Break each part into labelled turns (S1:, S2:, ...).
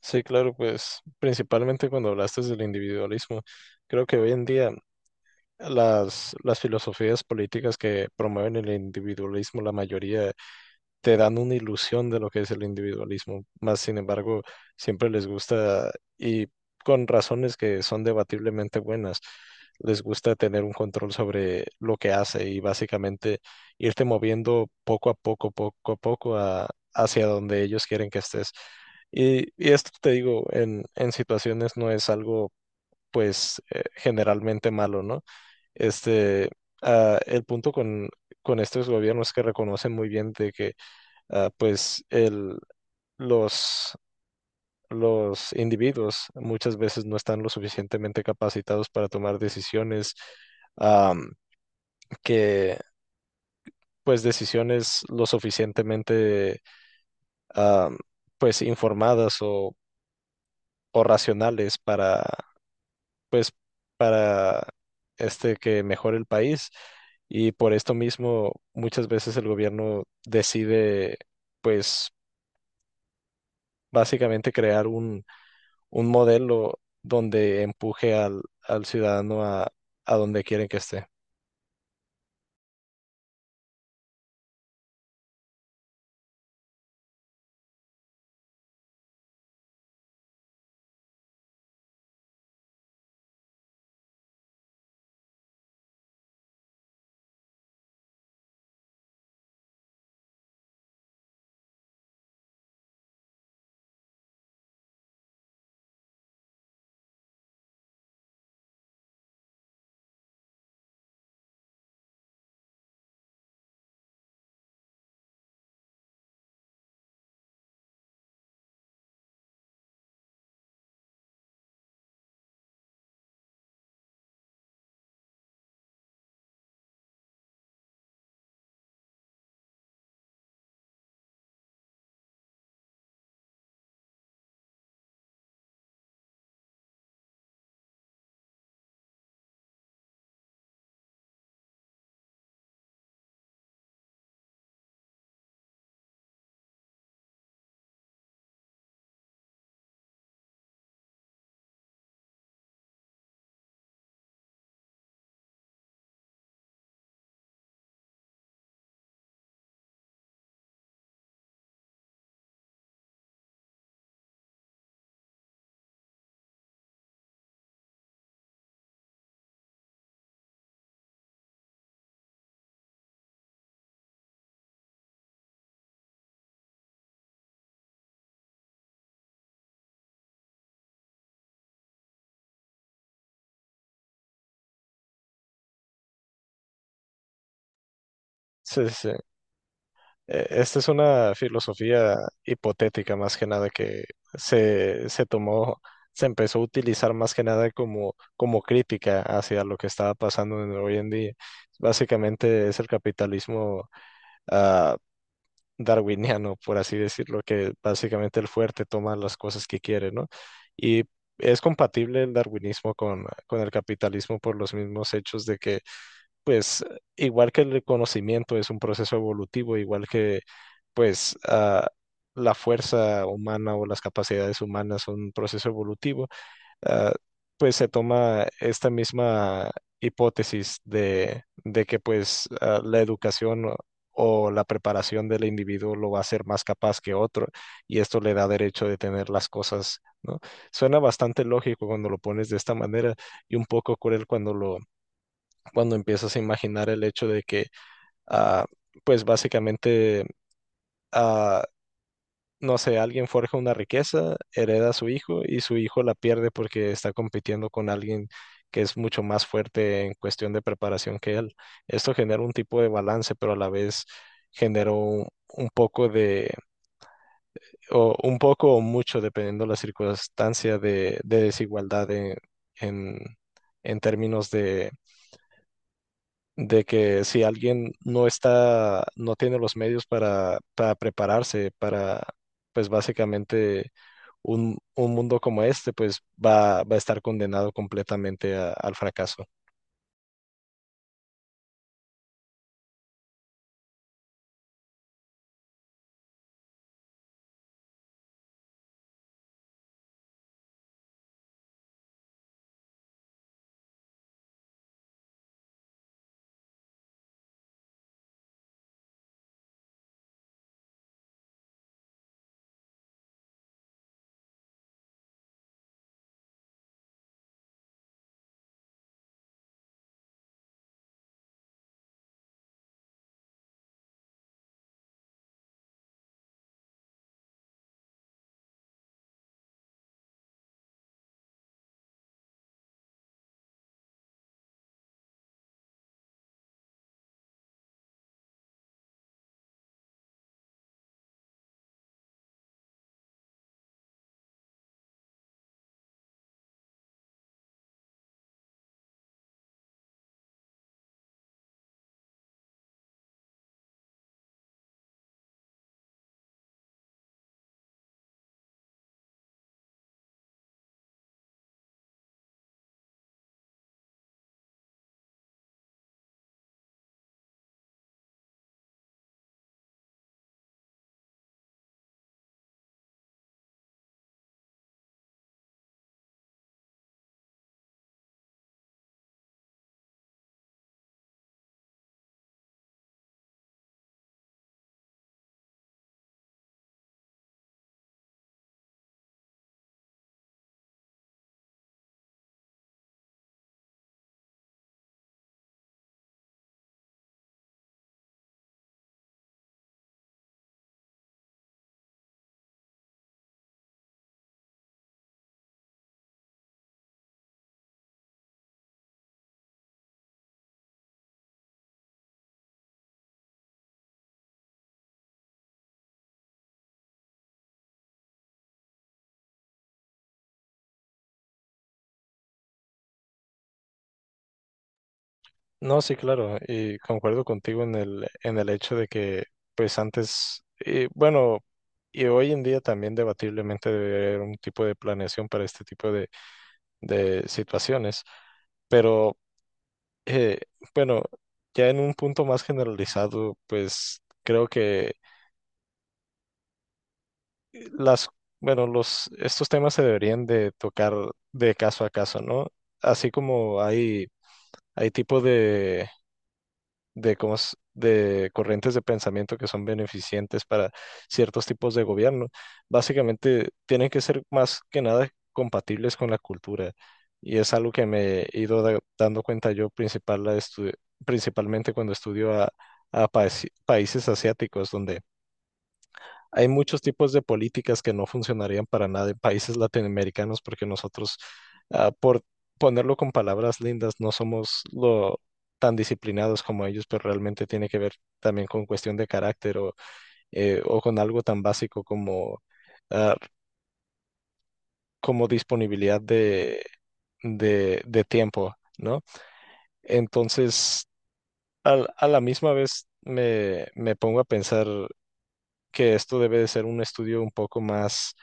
S1: Sí, claro, pues principalmente cuando hablaste del individualismo, creo que hoy en día las filosofías políticas que promueven el individualismo, la mayoría te dan una ilusión de lo que es el individualismo, más sin embargo, siempre les gusta, y con razones que son debatiblemente buenas, les gusta tener un control sobre lo que hace y básicamente irte moviendo poco a poco, hacia donde ellos quieren que estés. Y esto te digo, en situaciones no es algo pues generalmente malo, ¿no? Este, el punto con estos gobiernos que reconocen muy bien de que pues los, los individuos muchas veces no están lo suficientemente capacitados para tomar decisiones, am, que pues decisiones lo suficientemente am, pues informadas o racionales para pues para este que mejore el país. Y por esto mismo muchas veces el gobierno decide pues básicamente crear un modelo donde empuje al ciudadano a donde quieren que esté. Sí, sí, sí. Esta es una filosofía hipotética más que nada que se tomó, se empezó a utilizar más que nada como, como crítica hacia lo que estaba hoy en día. Básicamente es el capitalismo ah, darwiniano, por así decirlo, que básicamente el fuerte toma las cosas que quiere, ¿no? Y es compatible el darwinismo con el capitalismo por los mismos hechos de que, pues, igual que el conocimiento es un proceso evolutivo, igual que, pues, la fuerza humana o las capacidades humanas son un proceso evolutivo, ah, pues se toma esta misma hipótesis de que pues la educación o la preparación del individuo lo va a hacer más capaz que otro y esto le da derecho de tener las cosas, ¿no? Suena bastante lógico cuando lo pones de esta manera y un poco cruel cuando empiezas a imaginar el hecho de que ah, pues básicamente ah, no sé, alguien forja una riqueza, hereda a su hijo y su hijo la pierde porque está compitiendo con alguien que es mucho más fuerte en cuestión de preparación que él. Esto genera un tipo de balance, pero a la vez generó un poco de, o un poco o mucho, dependiendo la circunstancia de desigualdad en en términos de que si alguien no está, no tiene los medios para prepararse para, pues básicamente un mundo como este, pues va a estar condenado completamente al fracaso. No, sí, claro, y concuerdo contigo en en el hecho de que, pues antes, y bueno, y hoy en día también debatiblemente debe haber un tipo de planeación para este tipo de situaciones, pero Eh, bueno, ya en un punto más generalizado, pues creo que las, estos temas se deberían de tocar de caso a caso, ¿no? Así como hay tipo de corrientes de pensamiento que son beneficientes para ciertos tipos de gobierno, básicamente tienen que ser más que nada compatibles con la cultura. Y es algo que me he ido dando cuenta yo principalmente cuando a países asiáticos, donde hay muchos tipos de políticas que no funcionarían para nada en países latinoamericanos porque nosotros, por ponerlo con palabras lindas, no somos lo tan disciplinados como ellos, pero realmente tiene que ver también con cuestión de carácter o con algo tan básico como, ah, como disponibilidad de tiempo, ¿no? Entonces, a la misma vez me pongo a pensar que esto debe de ser un estudio un poco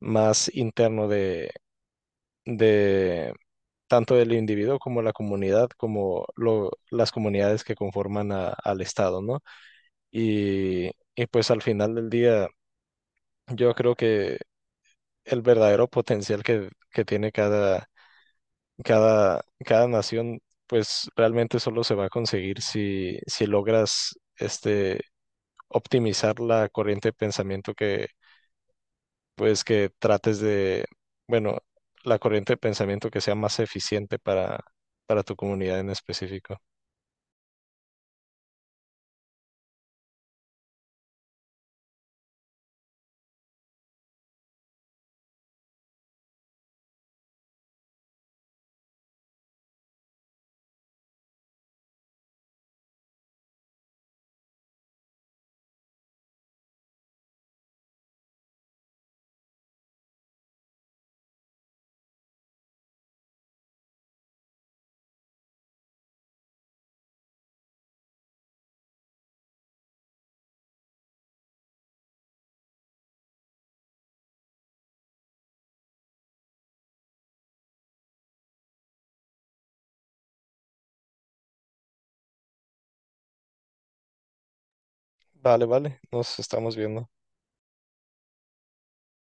S1: más interno de tanto del individuo como la comunidad, como las comunidades que conforman al Estado, ¿no? Y, y pues al final del día, yo creo que el verdadero potencial que tiene cada nación, pues realmente solo se va a conseguir si, si logras este, optimizar la corriente de pensamiento que pues que trates de, bueno, la corriente de pensamiento que sea más eficiente para tu comunidad en específico. Vale, vale, nos estamos viendo.